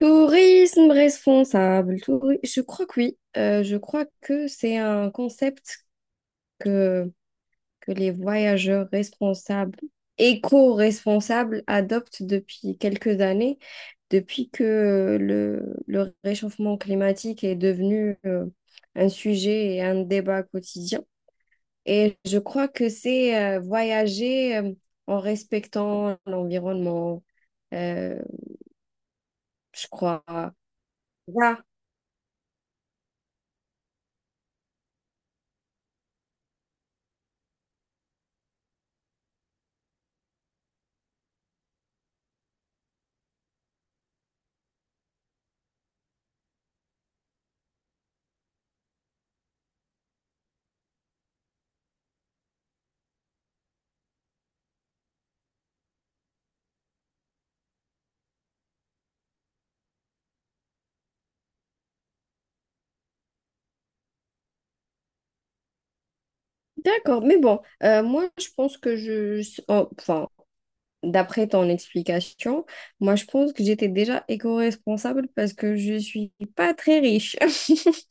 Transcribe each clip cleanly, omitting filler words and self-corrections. Tourisme responsable, je crois que oui. Je crois que c'est un concept que, que les voyageurs responsables, éco-responsables adoptent depuis quelques années, depuis que le réchauffement climatique est devenu un sujet et un débat quotidien. Et je crois que c'est voyager en respectant l'environnement, euh, je crois. Voilà. D'accord, mais bon, moi je pense que je, enfin, d'après ton explication, moi je pense que j'étais déjà éco-responsable parce que je suis pas très riche.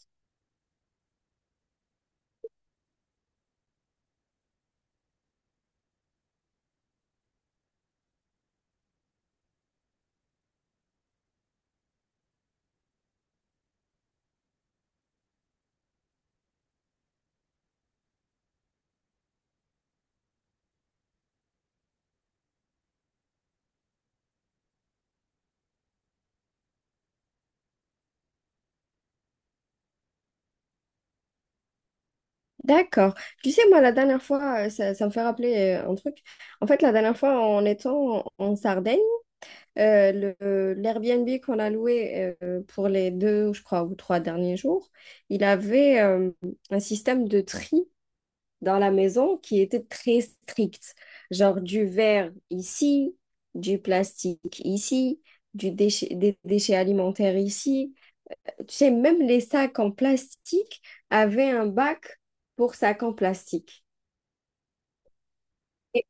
D'accord. Tu sais, moi la dernière fois, ça me fait rappeler un truc. En fait, la dernière fois, en étant en Sardaigne, l'Airbnb qu'on a loué pour les deux, je crois, ou trois derniers jours, il avait un système de tri. Dans la maison qui était très stricte. Genre du verre ici, du plastique ici, des déchets alimentaires ici. Tu sais, même les sacs en plastique avaient un bac pour sacs en plastique. Et-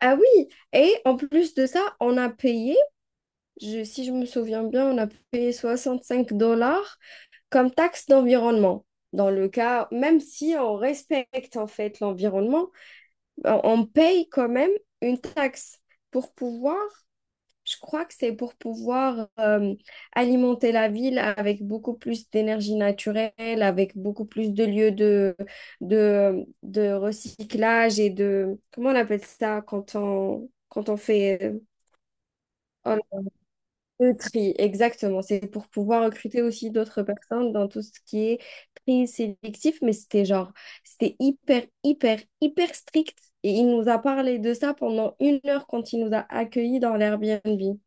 ah oui, et en plus de ça, on a payé, si je me souviens bien, on a payé 65 dollars comme taxe d'environnement. Dans le cas, même si on respecte en fait l'environnement, on paye quand même une taxe pour pouvoir, je crois que c'est pour pouvoir alimenter la ville avec beaucoup plus d'énergie naturelle, avec beaucoup plus de lieux de, recyclage et de, comment on appelle ça quand on fait, le tri, exactement. C'est pour pouvoir recruter aussi d'autres personnes dans tout ce qui est tri sélectif, mais c'était genre, c'était hyper, hyper, hyper strict. Et il nous a parlé de ça pendant 1 heure quand il nous a accueillis dans l'Airbnb.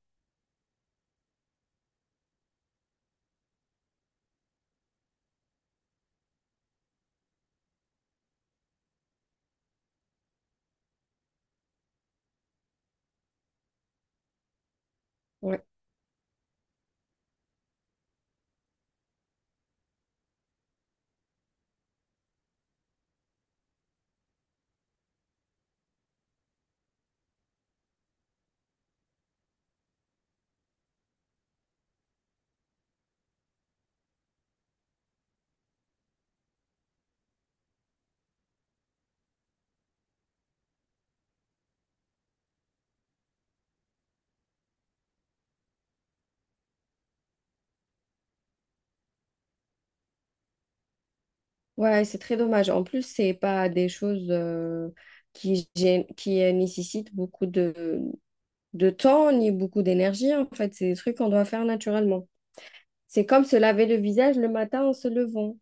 Ouais, ouais, c'est très dommage. En plus, c'est pas des choses qui nécessitent beaucoup de temps ni beaucoup d'énergie. En fait, c'est des trucs qu'on doit faire naturellement. C'est comme se laver le visage le matin en se levant.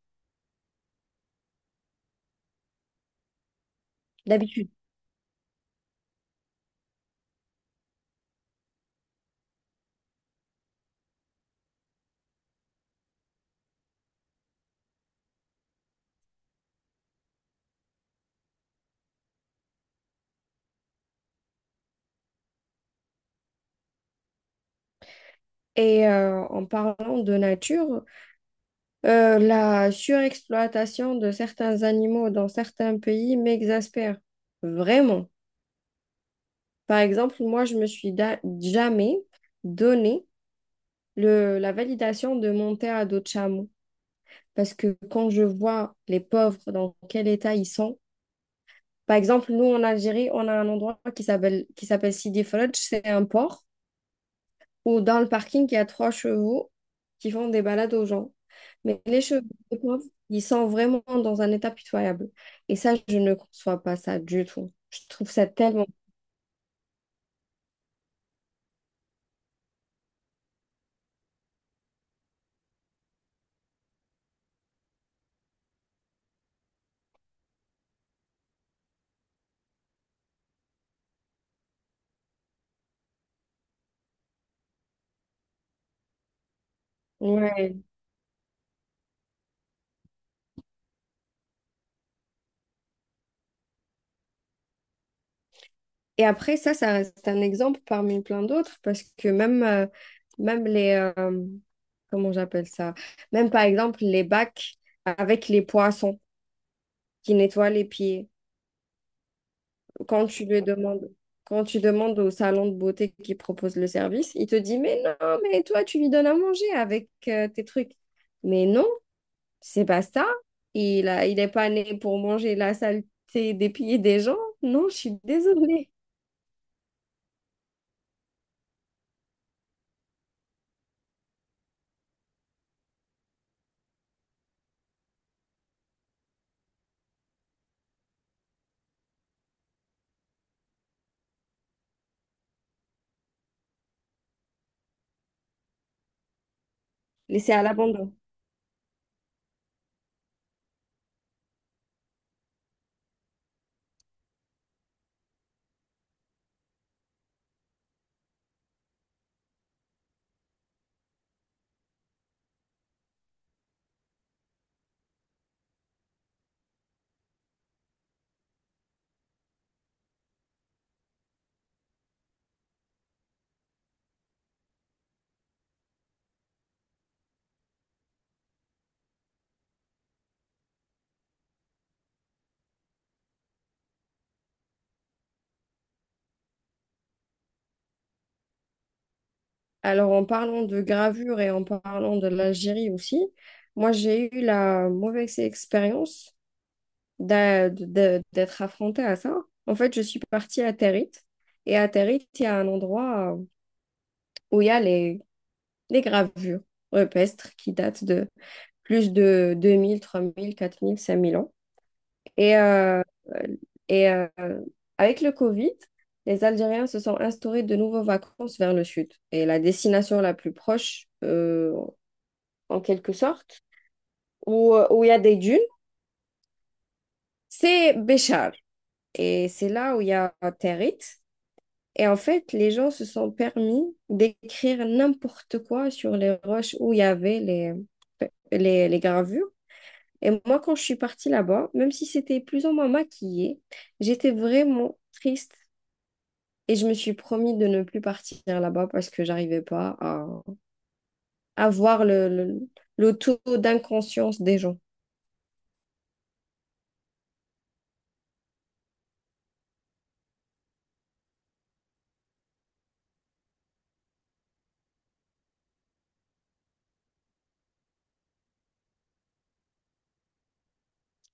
D'habitude. Et en parlant de nature, la surexploitation de certains animaux dans certains pays m'exaspère vraiment. Par exemple, moi, je me suis jamais donné la validation de monter à dos de chameau. Parce que quand je vois les pauvres, dans quel état ils sont, par exemple, nous en Algérie, on a un endroit qui s'appelle Sidi Fredj, c'est un port. Ou dans le parking, il y a trois chevaux qui font des balades aux gens. Mais les chevaux, les pauvres, ils sont vraiment dans un état pitoyable. Et ça, je ne conçois pas ça du tout. Je trouve ça tellement. Ouais. Et après, ça reste un exemple parmi plein d'autres parce que même, même les... euh, comment j'appelle ça? Même par exemple, les bacs avec les poissons qui nettoient les pieds. quand tu lui demandes, Quand tu demandes au salon de beauté qui propose le service, il te dit, mais non, mais toi, tu lui donnes à manger avec tes trucs. Mais non, c'est pas ça. Il est pas né pour manger la saleté des pieds des gens. Non, je suis désolée. Laissé à l'abandon. Alors, en parlant de gravure et en parlant de l'Algérie aussi, moi, j'ai eu la mauvaise expérience d'être affrontée à ça. En fait, je suis partie à Territ. Et à Territ, il y a un endroit où il y a les gravures rupestres qui datent de plus de 2 000, 1 000, 3 000, 4 000, 5 000 ans. Et, euh, et euh, Avec le Covid, les Algériens se sont instaurés de nouveaux vacances vers le sud. Et la destination la plus proche, en quelque sorte, où il y a des dunes, c'est Béchar. Et c'est là où il y a Territ. Et en fait, les gens se sont permis d'écrire n'importe quoi sur les roches où il y avait les gravures. Et moi, quand je suis partie là-bas, même si c'était plus ou moins maquillé, j'étais vraiment triste. Et je me suis promis de ne plus partir là-bas parce que j'arrivais pas à voir le taux d'inconscience des gens.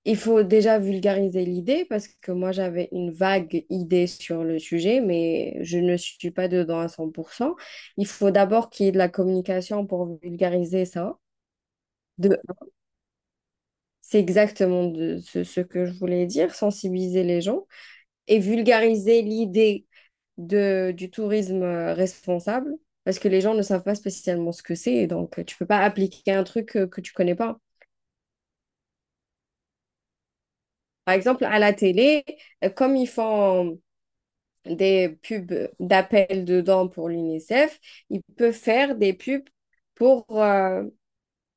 Il faut déjà vulgariser l'idée parce que moi j'avais une vague idée sur le sujet, mais je ne suis pas dedans à 100%. Il faut d'abord qu'il y ait de la communication pour vulgariser ça. De, un. C'est exactement de, ce que je voulais dire, sensibiliser les gens et vulgariser l'idée du tourisme responsable parce que les gens ne savent pas spécialement ce que c'est, donc tu peux pas appliquer un truc que tu connais pas. Par exemple, à la télé, comme ils font des pubs d'appel dedans pour l'UNICEF, il peut faire des pubs pour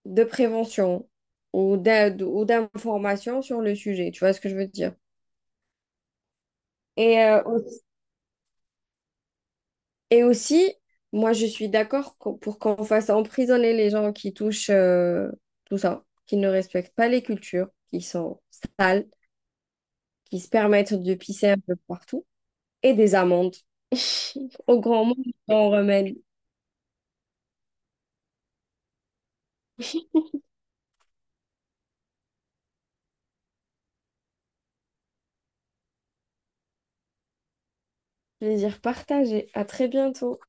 de prévention ou d'aide ou d'information sur le sujet. Tu vois ce que je veux dire? Et, euh, aussi- et aussi, moi, je suis d'accord pour qu'on fasse emprisonner les gens qui touchent tout ça, qui ne respectent pas les cultures, qui sont sales, qui se permettent de pisser un peu partout, et des amendes. Au grand monde, on remède. Plaisir partagé. À très bientôt.